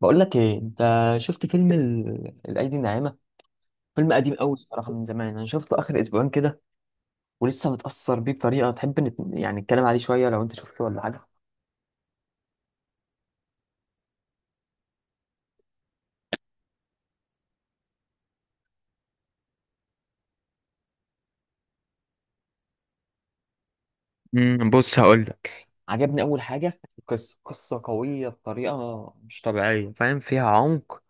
بقول لك ايه انت؟ شفت فيلم الايدي الناعمه. فيلم قديم قوي الصراحه، من زمان انا شفته اخر اسبوعين كده، ولسه متاثر بيه بطريقه. تحب يعني نتكلم عليه شويه لو انت شفته ولا حاجه. بص، هقول لك. عجبني اول حاجه قصه قصه قويه بطريقه مش طبيعيه، فاهم؟ فيها عمق،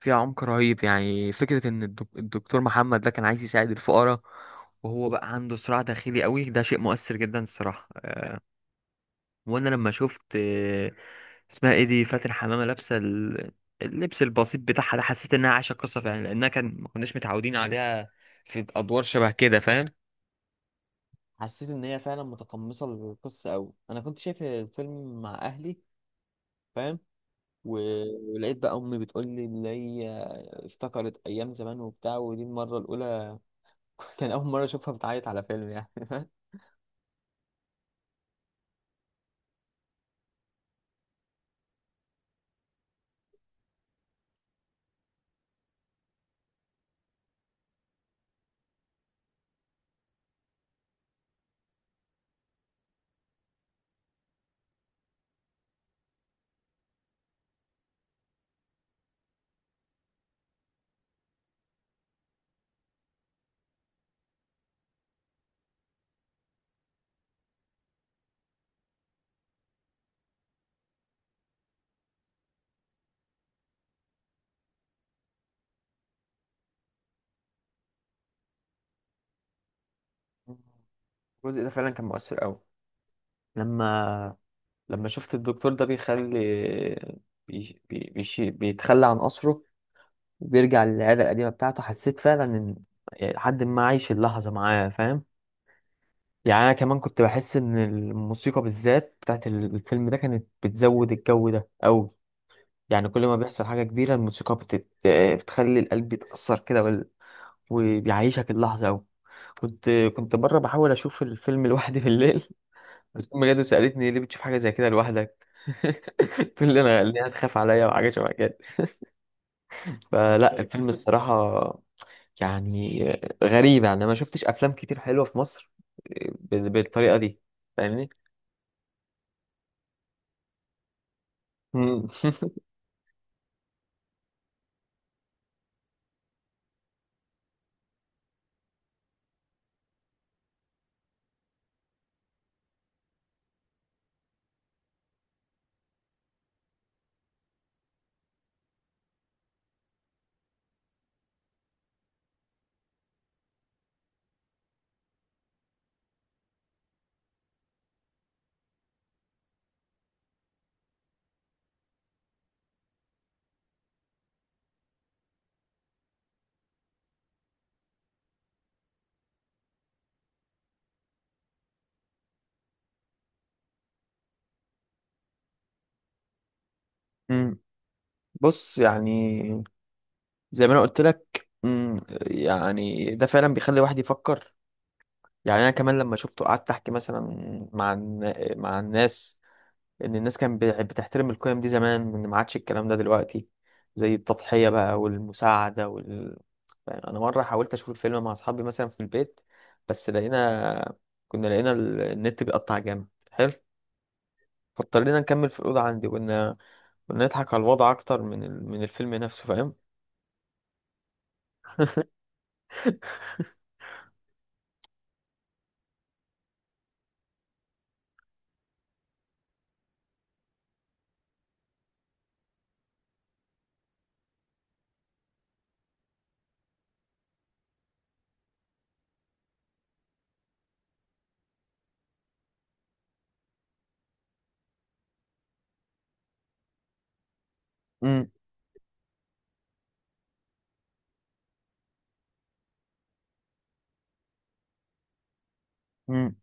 فيها عمق رهيب. يعني فكره ان الدكتور محمد ده كان عايز يساعد الفقراء، وهو بقى عنده صراع داخلي قوي. ده شيء مؤثر جدا الصراحه. وانا لما شفت اسمها ايه دي، فاتن حمامه، لابسه اللبس البسيط بتاعها ده، حسيت انها عايشه قصه فعلا، لانها كان ما كناش متعودين عليها في ادوار شبه كده، فاهم. حسيت ان هي فعلا متقمصه القصه قوي. انا كنت شايف الفيلم مع اهلي، فاهم، ولقيت بقى امي بتقول لي، اللي هي افتكرت ايام زمان وبتاع، ودي المره الاولى. كان اول مره اشوفها بتعيط على فيلم يعني. الجزء ده فعلا كان مؤثر قوي، لما لما شفت الدكتور ده بيخلي بيتخلى عن قصره، وبيرجع للعادة القديمة بتاعته، حسيت فعلا إن، يعني، لحد ما عايش اللحظة معاه، فاهم. يعني أنا كمان كنت بحس إن الموسيقى بالذات بتاعت الفيلم ده كانت بتزود الجو ده أوي. يعني كل ما بيحصل حاجة كبيرة الموسيقى بتخلي القلب يتأثر كده وبيعيشك اللحظة أوي. كنت كنت بره بحاول أشوف الفيلم لوحدي بالليل. بس أمي جت وسألتني ليه بتشوف حاجة زي كده لوحدك. تقول لي أنا ليه هتخاف عليا، وحاجة شبه كده. فلا، الفيلم الصراحة يعني غريب. يعني أنا ما شفتش أفلام كتير حلوة في مصر بالطريقة دي، فاهمني. مم. مم. بص، يعني زي ما أنا قلت لك يعني ده فعلا بيخلي الواحد يفكر. يعني أنا كمان لما شفته قعدت أحكي مثلا مع مع الناس ان الناس كانت بتحترم القيم دي زمان، ان ما عادش الكلام ده دلوقتي، زي التضحية بقى والمساعدة يعني انا مرة حاولت اشوف الفيلم مع اصحابي مثلا في البيت، بس كنا لقينا النت بيقطع جامد حلو، فاضطرينا نكمل في الأوضة عندي، وإن نضحك على الوضع أكتر من الفيلم نفسه، فاهم؟ امم امم.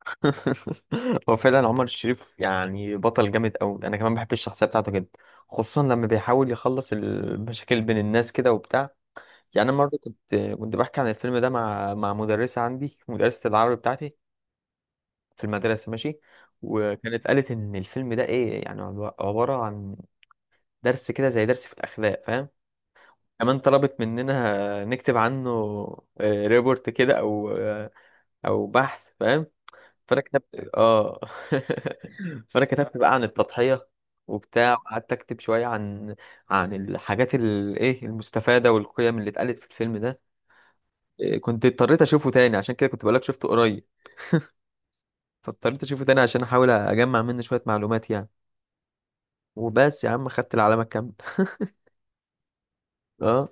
هو فعلا عمر الشريف يعني بطل جامد قوي. انا كمان بحب الشخصيه بتاعته جدا، خصوصا لما بيحاول يخلص المشاكل بين الناس كده وبتاع. يعني انا مره كنت بحكي عن الفيلم ده مع مدرسه عندي، مدرسه العربي بتاعتي في المدرسه، ماشي. وكانت قالت ان الفيلم ده ايه يعني، عباره عن درس كده، زي درس في الاخلاق، فاهم. كمان طلبت مننا نكتب عنه ريبورت كده، او او بحث، فاهم. فانا كتبت اه فانا كتبت بقى عن التضحيه وبتاع، وقعدت اكتب شويه عن الحاجات، الايه، المستفاده، والقيم اللي اتقالت في الفيلم ده. كنت اضطريت اشوفه تاني عشان كده، كنت بقولك شفته قريب. فاضطريت اشوفه تاني عشان احاول اجمع منه شوية معلومات يعني. وبس يا عم، خدت العلامة الكاملة. اه.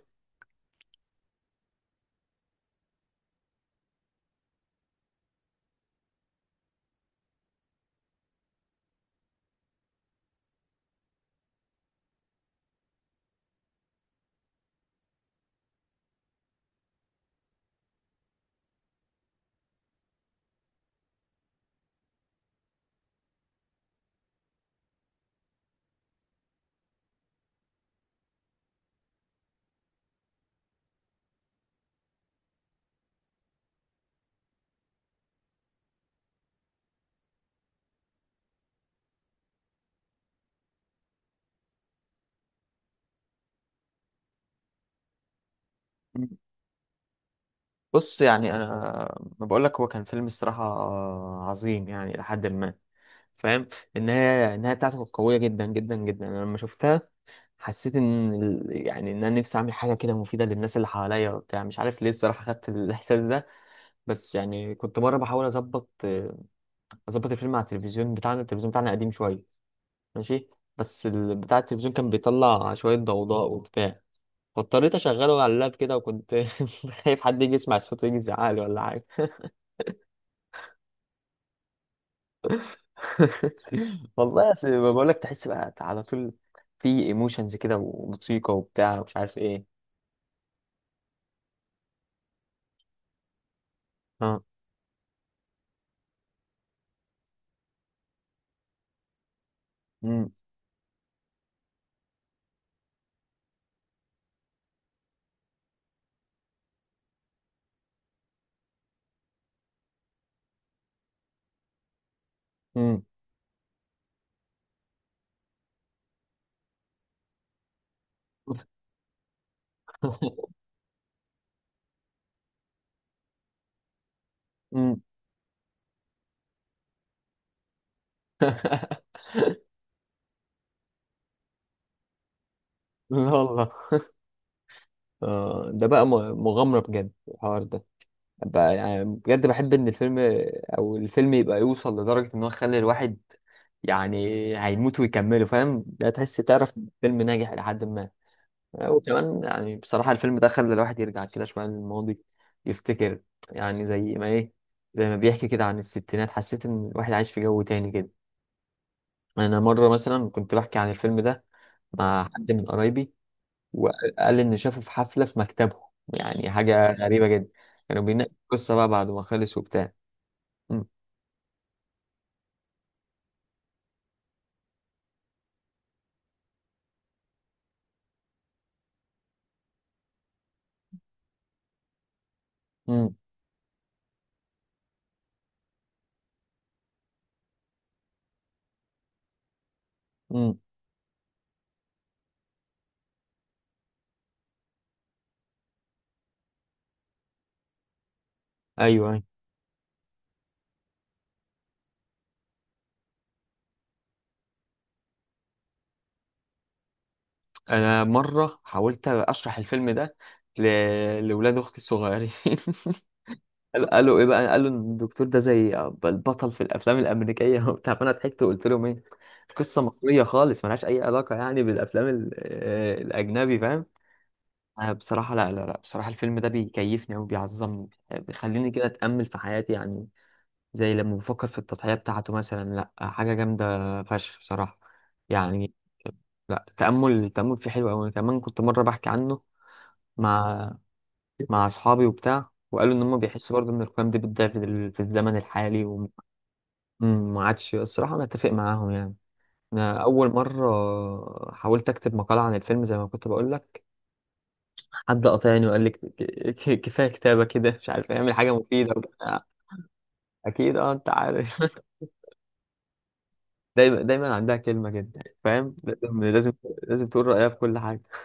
بص يعني، انا ما بقول لك، هو كان فيلم الصراحه عظيم يعني، لحد ما، فاهم. النهايه، النهايه بتاعته كانت قويه جدا جدا جدا. انا لما شفتها حسيت ان يعني ان انا نفسي اعمل حاجه كده مفيده للناس اللي حواليا وبتاع، مش عارف ليه الصراحه خدت الاحساس ده. بس يعني كنت مره بحاول اظبط الفيلم على التلفزيون بتاعنا. التلفزيون بتاعنا قديم شويه، ماشي، بس بتاع التلفزيون كان بيطلع شوية ضوضاء وبتاع. فاضطريت أشغله على اللاب كده، وكنت خايف حد يجي يسمع الصوت ويجي يزعق لي، ولا حاجة. والله أصل بقول لك، تحس بقى على طول في ايموشنز كده، وموسيقى، وبتاع، ومش عارف ايه. اه. امم امم. امم. لا والله. ده بقى مغامرة بجد الحوار ده. يعني بجد بحب ان الفيلم، او الفيلم يبقى يوصل لدرجة ان هو يخلي الواحد، يعني، هيموت ويكمله، فاهم، لا، تحس، تعرف إن الفيلم ناجح الى حد ما. وكمان يعني بصراحة الفيلم ده خلى الواحد يرجع كده شوية للماضي، يفتكر، يعني زي ما بيحكي كده عن الستينات، حسيت ان الواحد عايش في جو تاني كده. انا مرة مثلا كنت بحكي عن الفيلم ده مع حد من قرايبي، وقال إن شافه في حفلة في مكتبه. يعني حاجة غريبة جدا. كانوا بيناقشوا القصة بقى بعد ما خلص وبتاع. مم. مم. مم. ايوه، أيوة. انا مره حاولت اشرح الفيلم ده ل... لاولاد اختي الصغيرين. قالوا ايه بقى، قالوا ان الدكتور ده زي البطل في الافلام الامريكيه وبتاع، فانا ضحكت وقلت لهم ايه، قصه مصريه خالص، ملهاش اي علاقه يعني بالافلام ال... آه، الاجنبي، فاهم. أنا بصراحه، لا لا لا، بصراحه الفيلم ده بيكيفني وبيعظمني، بيخليني كده اتامل في حياتي يعني. زي لما بفكر في التضحيه بتاعته مثلا، لا، حاجه جامده فشخ بصراحه يعني. لا، التأمل التأمل فيه حلو أوي. أنا كمان كنت مرة بحكي عنه مع مع أصحابي وبتاع، وقالوا إن هم بيحسوا برضه إن القيم دي بتضيع في الزمن الحالي، وما عادش الصراحة أنا أتفق معاهم يعني. أنا أول مرة حاولت أكتب مقالة عن الفيلم زي ما كنت بقول لك، حد قاطعني وقال لي، كفاية كتابة كده، مش عارف أعمل حاجة مفيدة وبتاع. أكيد. أه أنت عارف. دايما دايما عندها كلمة كده، فاهم، لازم لازم لازم تقول رأيها في كل حاجة.